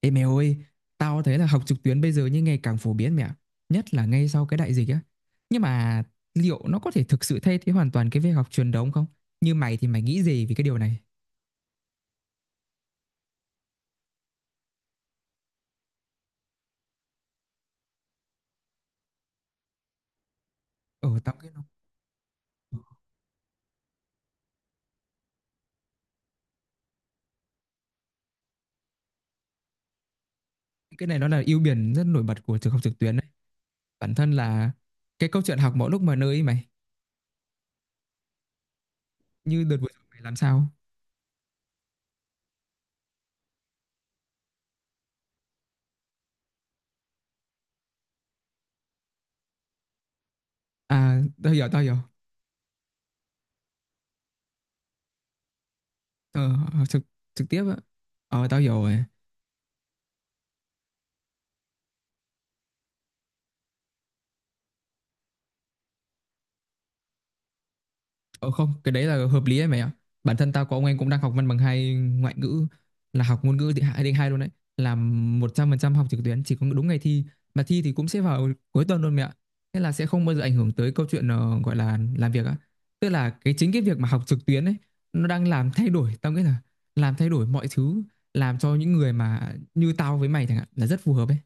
Ê mày ơi, tao thấy là học trực tuyến bây giờ như ngày càng phổ biến mẹ. Nhất là ngay sau cái đại dịch á. Nhưng mà liệu nó có thể thực sự thay thế hoàn toàn cái việc học truyền thống không? Như mày thì mày nghĩ gì về cái điều này? Ờ, tao nghĩ nó, cái này nó là ưu điểm rất nổi bật của trường học trực tuyến đấy. Bản thân là cái câu chuyện học mọi lúc mọi nơi ấy mày. Như đợt vừa rồi mày làm sao? À, tao hiểu, tao hiểu. Ờ, học trực, trực tiếp á. Ờ, tao hiểu rồi. Ờ không, cái đấy là hợp lý đấy mày ạ. Bản thân tao có ông em cũng đang học văn bằng hai ngoại ngữ, là học ngôn ngữ thì hai đến hai luôn đấy. Là 100% học trực tuyến, chỉ có đúng ngày thi mà thi thì cũng sẽ vào cuối tuần luôn mẹ ạ. Thế là sẽ không bao giờ ảnh hưởng tới câu chuyện gọi là làm việc á. Tức là cái chính cái việc mà học trực tuyến ấy nó đang làm thay đổi, tao nghĩ là làm thay đổi mọi thứ, làm cho những người mà như tao với mày chẳng hạn là rất phù hợp ấy.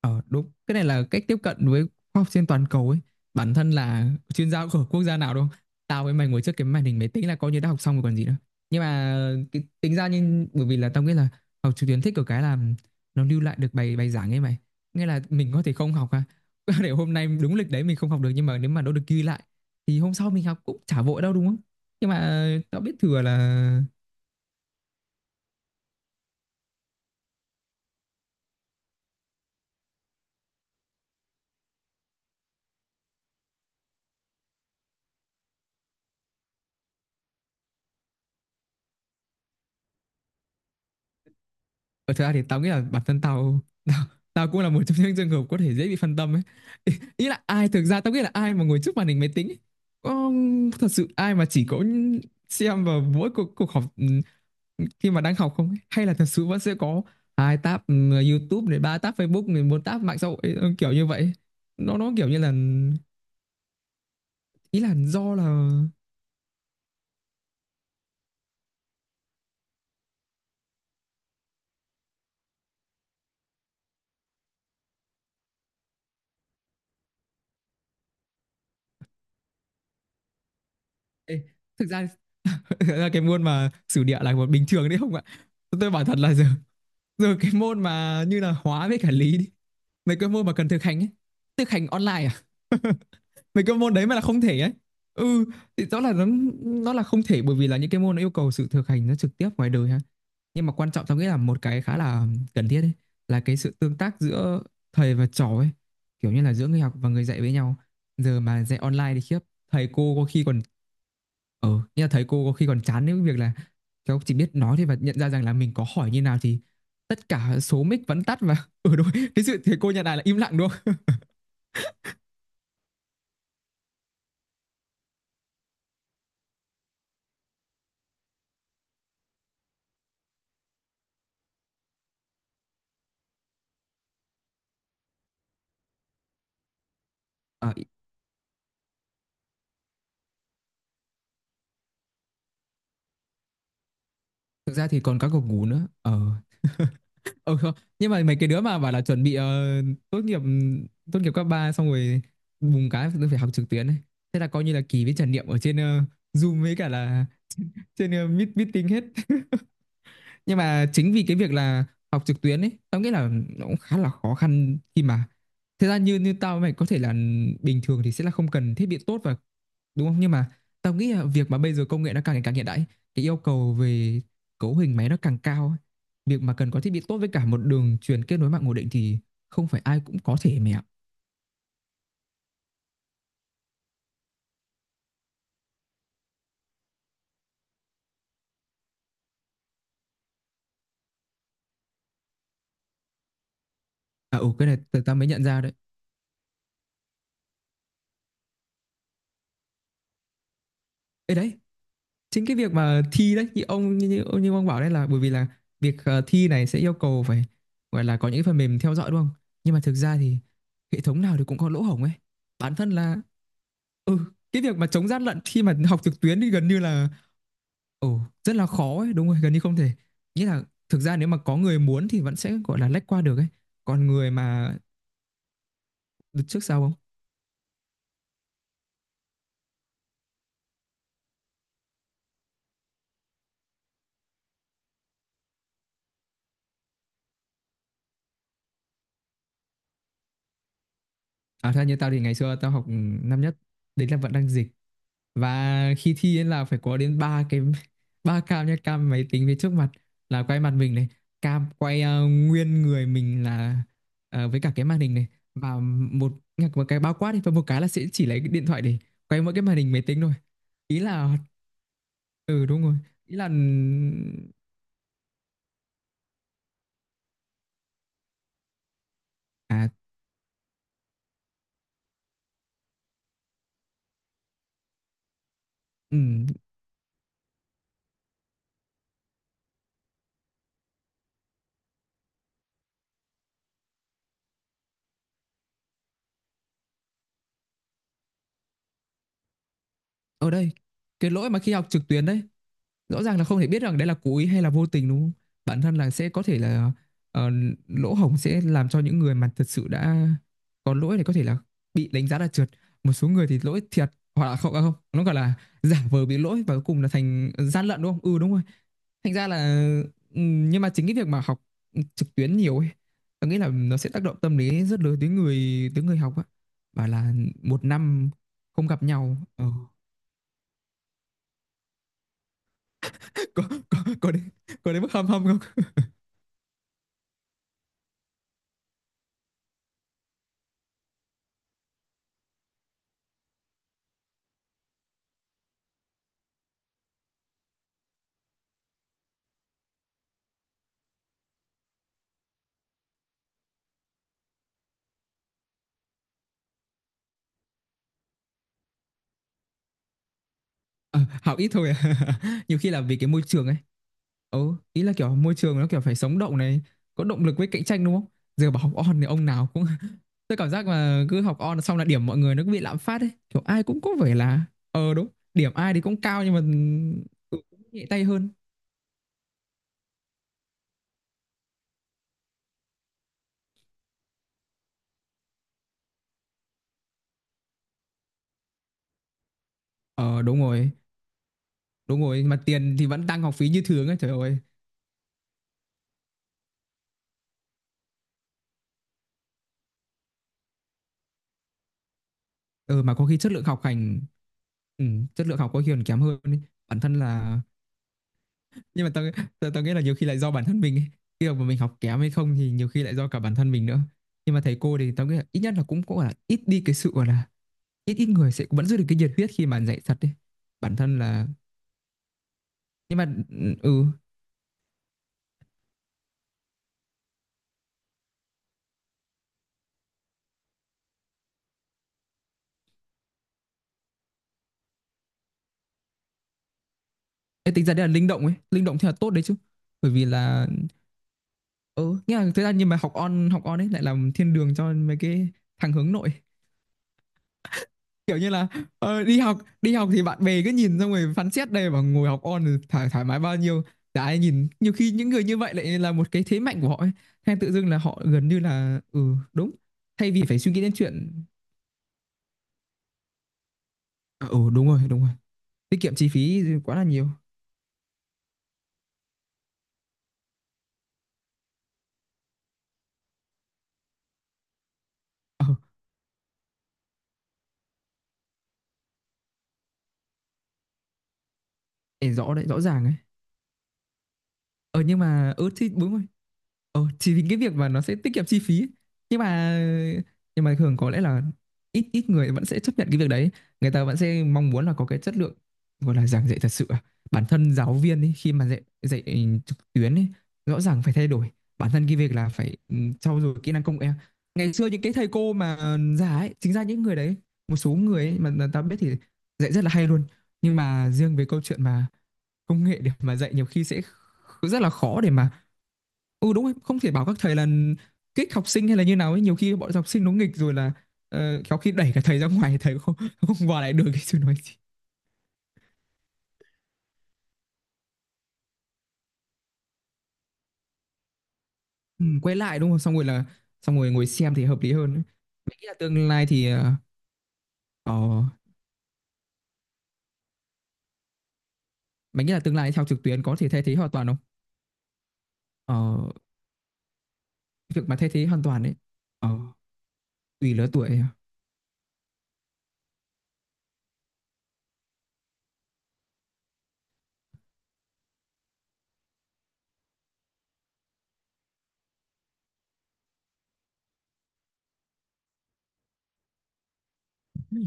Ờ đúng, cái này là cách tiếp cận với khoa học trên toàn cầu ấy. Bản thân là chuyên gia của quốc gia nào đâu. Tao với mày ngồi trước cái màn hình máy tính là coi như đã học xong rồi còn gì nữa. Nhưng mà cái, tính ra nhưng bởi vì là tao nghĩ là học trực tuyến thích ở cái là nó lưu lại được bài bài giảng ấy mày. Nghĩa là mình có thể không học à. Để hôm nay đúng lịch đấy mình không học được, nhưng mà nếu mà nó được ghi lại thì hôm sau mình học cũng chả vội đâu đúng không? Nhưng mà tao biết thừa là ở thực ra thì tao nghĩ là bản thân tao tao, tao cũng là một trong những trường hợp có thể dễ bị phân tâm ấy. Ý là ai, thực ra tao nghĩ là ai mà ngồi trước màn hình máy tính ấy, có thật sự ai mà chỉ có xem vào mỗi cuộc họp khi mà đang học không ấy? Hay là thật sự vẫn sẽ có hai tab YouTube này, ba tab Facebook này, bốn tab mạng xã hội kiểu như vậy. Nó kiểu như là ý là do là. Ê, thực ra là cái môn mà sử địa là một bình thường đấy không ạ? Tôi bảo thật là giờ giờ cái môn mà như là hóa với cả lý đi, mấy cái môn mà cần thực hành ấy, thực hành online à? Mấy cái môn đấy mà là không thể ấy, ừ, thì rõ là nó là không thể, bởi vì là những cái môn nó yêu cầu sự thực hành nó trực tiếp ngoài đời ha. Nhưng mà quan trọng tao nghĩ là một cái khá là cần thiết ấy, là cái sự tương tác giữa thầy và trò ấy, kiểu như là giữa người học và người dạy với nhau. Giờ mà dạy online thì khiếp, thầy cô có khi còn ờ như là thầy cô có khi còn chán đến việc là cháu chỉ biết nói thôi, và nhận ra rằng là mình có hỏi như nào thì tất cả số mic vẫn tắt và ừ đúng, cái sự thầy cô nhận lại là im lặng đúng không. Ờ, thực ra thì còn các cuộc ngủ nữa ờ ừ không. Nhưng mà mấy cái đứa mà bảo là chuẩn bị tốt nghiệp, tốt nghiệp cấp 3 xong rồi bùng cái tôi phải học trực tuyến ấy, thế là coi như là kỳ với trải nghiệm ở trên Zoom với cả là trên meet, meeting hết. Nhưng mà chính vì cái việc là học trực tuyến ấy tao nghĩ là nó cũng khá là khó khăn, khi mà thực ra như như tao với mày có thể là bình thường thì sẽ là không cần thiết bị tốt và đúng không, nhưng mà tao nghĩ là việc mà bây giờ công nghệ nó càng ngày càng hiện đại ấy, cái yêu cầu về cấu hình máy nó càng cao ấy. Việc mà cần có thiết bị tốt với cả một đường truyền kết nối mạng ổn định thì không phải ai cũng có thể mẹ ạ. À ừ, cái này tao tao mới nhận ra đấy. Ê đấy, chính cái việc mà thi đấy, như ông bảo đấy, là bởi vì là việc thi này sẽ yêu cầu phải, gọi là, có những cái phần mềm theo dõi đúng không. Nhưng mà thực ra thì hệ thống nào thì cũng có lỗ hổng ấy, bản thân là ừ, cái việc mà chống gian lận khi mà học trực tuyến thì gần như là ồ rất là khó ấy, đúng rồi, gần như không thể. Nghĩa là thực ra nếu mà có người muốn thì vẫn sẽ gọi là lách qua được ấy, còn người mà được trước sau không. À theo như tao thì ngày xưa tao học năm nhất, đấy là vẫn đang dịch, và khi thi ấy là phải có đến ba cái ba cam nha, cam máy tính phía trước mặt là quay mặt mình này, cam quay nguyên người mình là với cả cái màn hình này, và một một cái bao quát đi, và một cái là sẽ chỉ lấy cái điện thoại để quay mỗi cái màn hình máy tính thôi, ý là ừ đúng rồi, ý là ừ, à ừ. Ở đây cái lỗi mà khi học trực tuyến đấy, rõ ràng là không thể biết rằng đấy là cố ý hay là vô tình đúng không? Bản thân là sẽ có thể là ờ, lỗ hổng sẽ làm cho những người mà thật sự đã có lỗi thì có thể là bị đánh giá là trượt. Một số người thì lỗi thiệt, hoặc là không à không, nó gọi là giả vờ bị lỗi và cuối cùng là thành gian lận đúng không? Ừ đúng rồi. Thành ra là ừ, nhưng mà chính cái việc mà học trực tuyến nhiều ấy, tôi nghĩ là nó sẽ tác động tâm lý rất lớn tới người học á. Bảo là một năm không gặp nhau. Ờ. Có có có đến, có đến mức hâm hâm không? Ờ, học ít thôi à. Nhiều khi là vì cái môi trường ấy. Ừ, ý là kiểu môi trường nó kiểu phải sống động này, có động lực với cạnh tranh đúng không? Giờ bảo học on thì ông nào cũng tôi cảm giác mà cứ học on xong là điểm mọi người nó cứ bị lạm phát ấy, kiểu ai cũng có vẻ là ờ đúng, điểm ai thì cũng cao nhưng mà ừ, cũng nhẹ tay hơn. Ờ đúng rồi, mà tiền thì vẫn tăng học phí như thường ấy, trời ơi. Ừ mà có khi chất lượng học hành ừ, chất lượng học có khi còn kém hơn ấy. Bản thân là nhưng mà tao tao, tao nghĩ là nhiều khi lại do bản thân mình ấy. Cái việc mà mình học kém hay không thì nhiều khi lại do cả bản thân mình nữa, nhưng mà thầy cô thì tao nghĩ là ít nhất là cũng cũng gọi là ít đi cái sự gọi là ít ít người sẽ vẫn giữ được cái nhiệt huyết khi mà dạy thật đấy, bản thân là nhưng mà ừ. Cái tính ra đây là linh động ấy, linh động thì là tốt đấy chứ, bởi vì là ừ, nhưng mà thực ra nhưng mà học on, học on ấy lại làm thiên đường cho mấy cái thằng hướng nội, kiểu như là đi học, đi học thì bạn bè cứ nhìn xong rồi phán xét đây, và ngồi học on thì thoải mái bao nhiêu, chả ai nhìn, nhiều khi những người như vậy lại là một cái thế mạnh của họ ấy. Hay tự dưng là họ gần như là ừ đúng, thay vì phải suy nghĩ đến chuyện ờ, ừ đúng rồi đúng rồi, tiết kiệm chi phí quá là nhiều ờ, để rõ đấy rõ ràng ấy, ờ nhưng mà ừ thì đúng rồi. Ờ, chỉ vì cái việc mà nó sẽ tiết kiệm chi phí ấy. nhưng mà nhưng mà thường có lẽ là ít ít người vẫn sẽ chấp nhận cái việc đấy, người ta vẫn sẽ mong muốn là có cái chất lượng, gọi là giảng dạy thật sự à. Bản thân giáo viên ấy, khi mà dạy dạy trực tuyến ấy, rõ ràng phải thay đổi, bản thân cái việc là phải trau dồi kỹ năng công nghệ. Ngày xưa những cái thầy cô mà già ấy, chính ra những người đấy, một số người ấy mà ta biết thì dạy rất là hay luôn, nhưng mà riêng về câu chuyện mà công nghệ để mà dạy nhiều khi sẽ rất là khó để mà ừ đúng rồi, không thể bảo các thầy là kích học sinh hay là như nào ấy, nhiều khi bọn học sinh nó nghịch rồi là có khi đẩy cả thầy ra ngoài thầy không không qua lại được cái chứ nói gì. Ừ, quay lại đúng không, xong rồi là xong rồi ngồi xem thì hợp lý hơn ấy. Mày nghĩ là tương lai thì ờ ờ, mày nghĩ là tương lai theo trực tuyến có thể thay thế hoàn toàn không? Ờ, việc mà thay thế hoàn toàn ấy, ờ tùy lứa tuổi,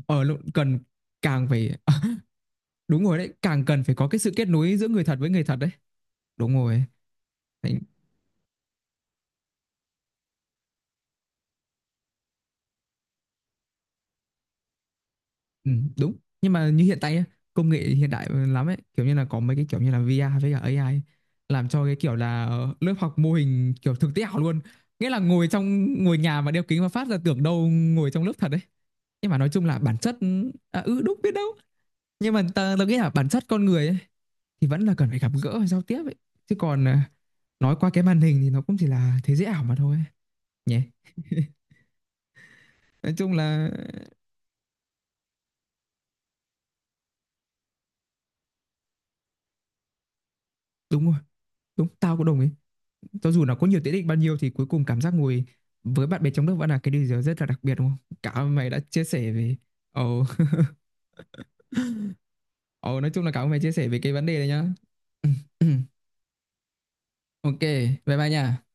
ờ lúc cần càng phải đúng rồi đấy, càng cần phải có cái sự kết nối giữa người thật với người thật đấy, đúng rồi. Mày ừ, đúng. Nhưng mà như hiện tại ấy, công nghệ hiện đại lắm ấy, kiểu như là có mấy cái kiểu như là VR với cả AI ấy, làm cho cái kiểu là lớp học mô hình kiểu thực tế ảo luôn. Nghĩa là ngồi trong ngồi nhà mà đeo kính mà phát ra tưởng đâu ngồi trong lớp thật đấy, nhưng mà nói chung là bản chất à, ừ đúng biết đâu, nhưng mà ta nghĩ là bản chất con người ấy, thì vẫn là cần phải gặp gỡ và giao tiếp ấy, chứ còn à, nói qua cái màn hình thì nó cũng chỉ là thế giới ảo mà thôi nhỉ. Nói chung là đúng rồi, đúng tao cũng đồng ý. Cho dù nó có nhiều tiện ích bao nhiêu thì cuối cùng cảm giác ngồi với bạn bè trong nước vẫn là cái điều gì đó rất là đặc biệt đúng không? Cảm ơn mày đã chia sẻ về. Ồ, ồ nói chung là cảm ơn mày chia sẻ về cái vấn đề này nhá. Ok, bye bye nha.